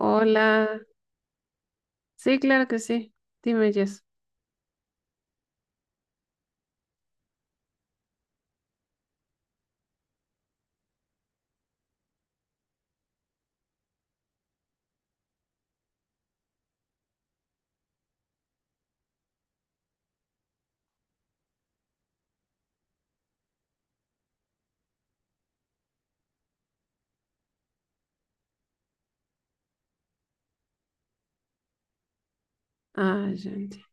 Hola. Sí, claro que sí. Dime, Jess. Ah, ya entiendo.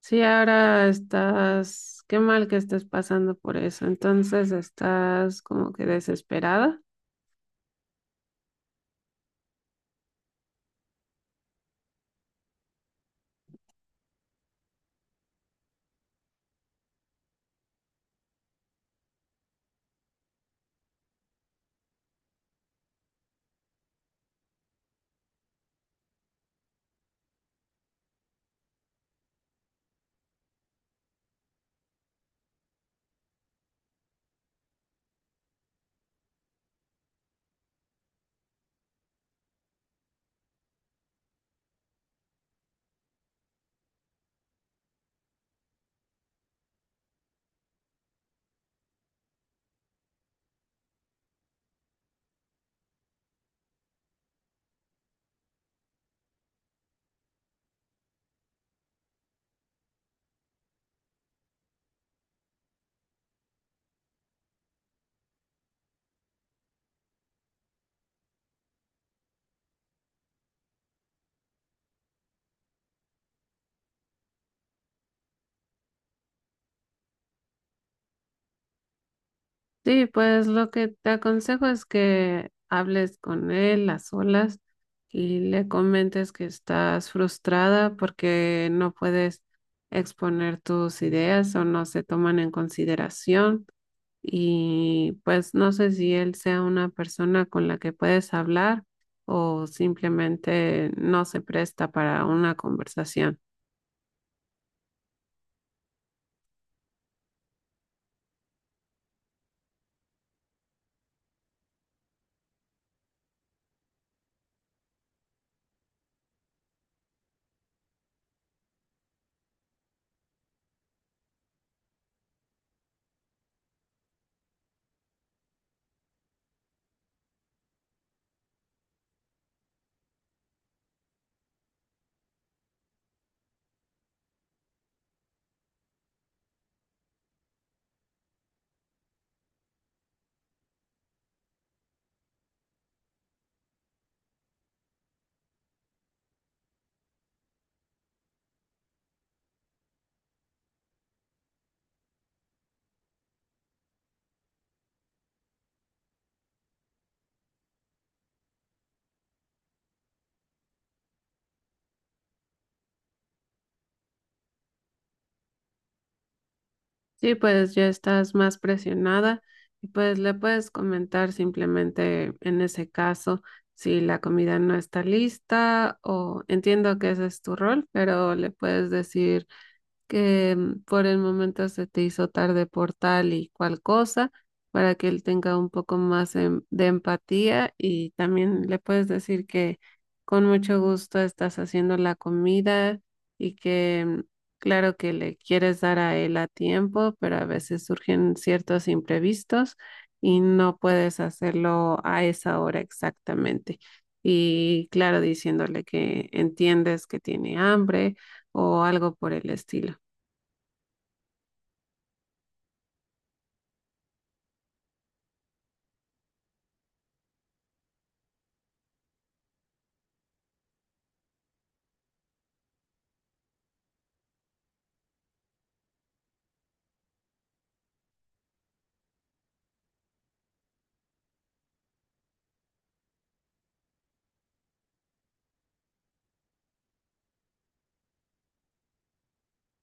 Sí, ahora estás, qué mal que estés pasando por eso. Entonces estás como que desesperada. Sí, pues lo que te aconsejo es que hables con él a solas y le comentes que estás frustrada porque no puedes exponer tus ideas o no se toman en consideración y pues no sé si él sea una persona con la que puedes hablar o simplemente no se presta para una conversación. Sí, pues ya estás más presionada y pues le puedes comentar simplemente en ese caso si la comida no está lista o entiendo que ese es tu rol, pero le puedes decir que por el momento se te hizo tarde por tal y cual cosa, para que él tenga un poco más de empatía y también le puedes decir que con mucho gusto estás haciendo la comida y que claro que le quieres dar a él a tiempo, pero a veces surgen ciertos imprevistos y no puedes hacerlo a esa hora exactamente. Y claro, diciéndole que entiendes que tiene hambre o algo por el estilo.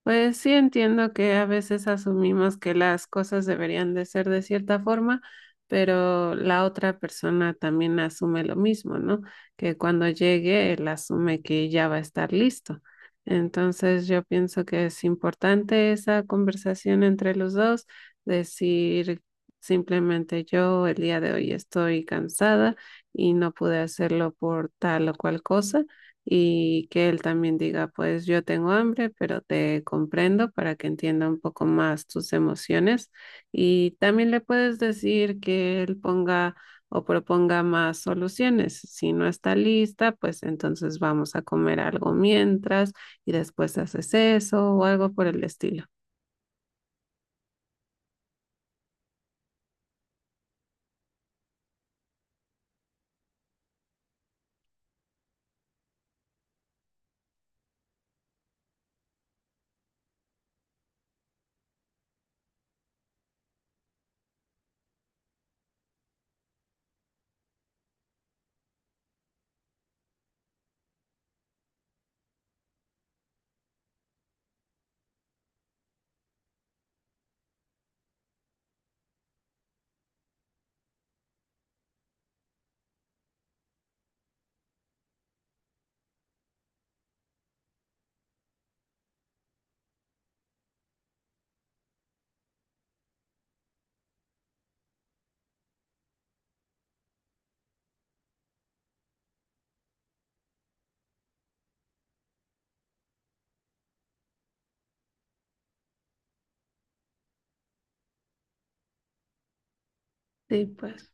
Pues sí entiendo que a veces asumimos que las cosas deberían de ser de cierta forma, pero la otra persona también asume lo mismo, ¿no? Que cuando llegue, él asume que ya va a estar listo. Entonces yo pienso que es importante esa conversación entre los dos, decir simplemente yo el día de hoy estoy cansada y no pude hacerlo por tal o cual cosa y que él también diga, pues yo tengo hambre, pero te comprendo para que entienda un poco más tus emociones. Y también le puedes decir que él ponga o proponga más soluciones. Si no está lista, pues entonces vamos a comer algo mientras y después haces eso o algo por el estilo. Sí, pues.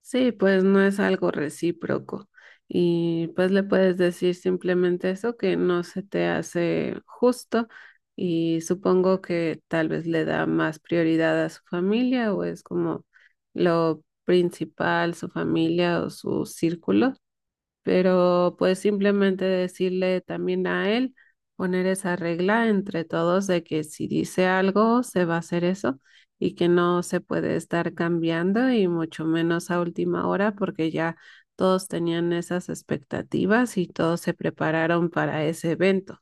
Sí, pues no es algo recíproco. Y pues le puedes decir simplemente eso, que no se te hace justo y supongo que tal vez le da más prioridad a su familia o es como lo principal, su familia o su círculo, pero pues simplemente decirle también a él, poner esa regla entre todos de que si dice algo, se va a hacer eso y que no se puede estar cambiando y mucho menos a última hora porque ya todos tenían esas expectativas y todos se prepararon para ese evento.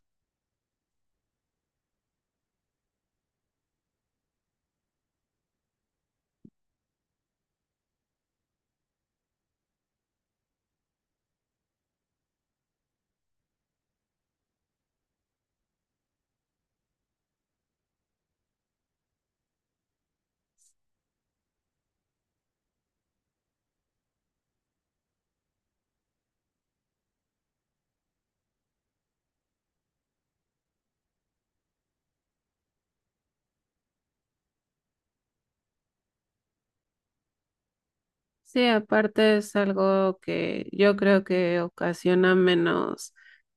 Sí, aparte es algo que yo creo que ocasiona menos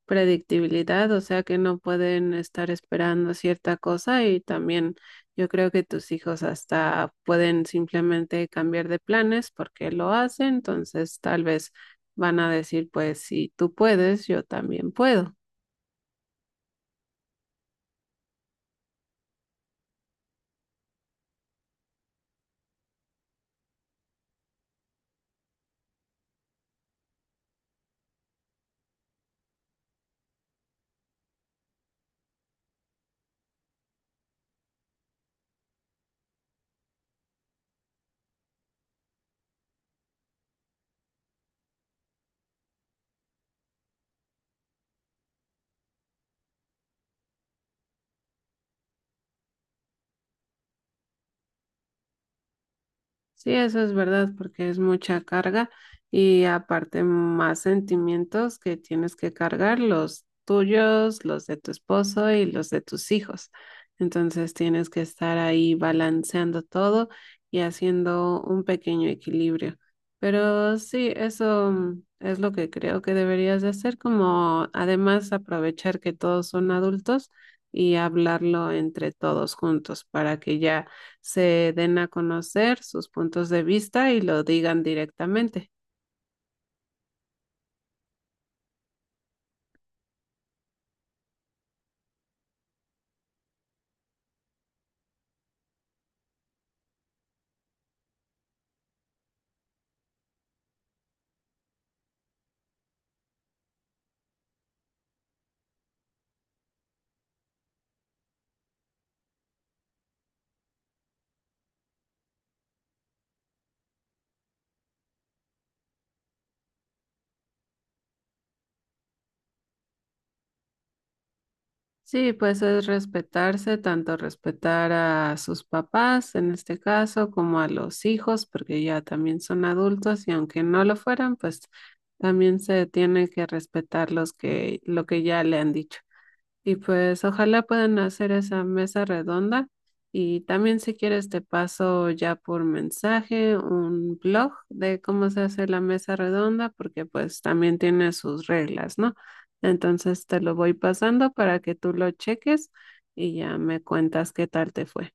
predictibilidad, o sea que no pueden estar esperando cierta cosa y también yo creo que tus hijos hasta pueden simplemente cambiar de planes porque lo hacen, entonces tal vez van a decir, pues si tú puedes, yo también puedo. Sí, eso es verdad, porque es mucha carga y aparte más sentimientos que tienes que cargar, los tuyos, los de tu esposo y los de tus hijos. Entonces tienes que estar ahí balanceando todo y haciendo un pequeño equilibrio. Pero sí, eso es lo que creo que deberías de hacer, como además aprovechar que todos son adultos y hablarlo entre todos juntos para que ya se den a conocer sus puntos de vista y lo digan directamente. Sí, pues es respetarse, tanto respetar a sus papás en este caso como a los hijos, porque ya también son adultos y aunque no lo fueran, pues también se tiene que respetar lo que ya le han dicho. Y pues ojalá puedan hacer esa mesa redonda. Y también si quieres te paso ya por mensaje un blog de cómo se hace la mesa redonda, porque pues también tiene sus reglas, ¿no? Entonces te lo voy pasando para que tú lo cheques y ya me cuentas qué tal te fue.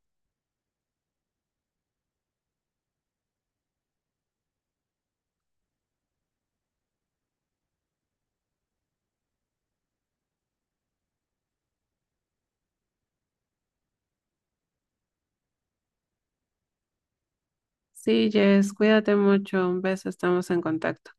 Sí, Jess, cuídate mucho. Un beso, estamos en contacto.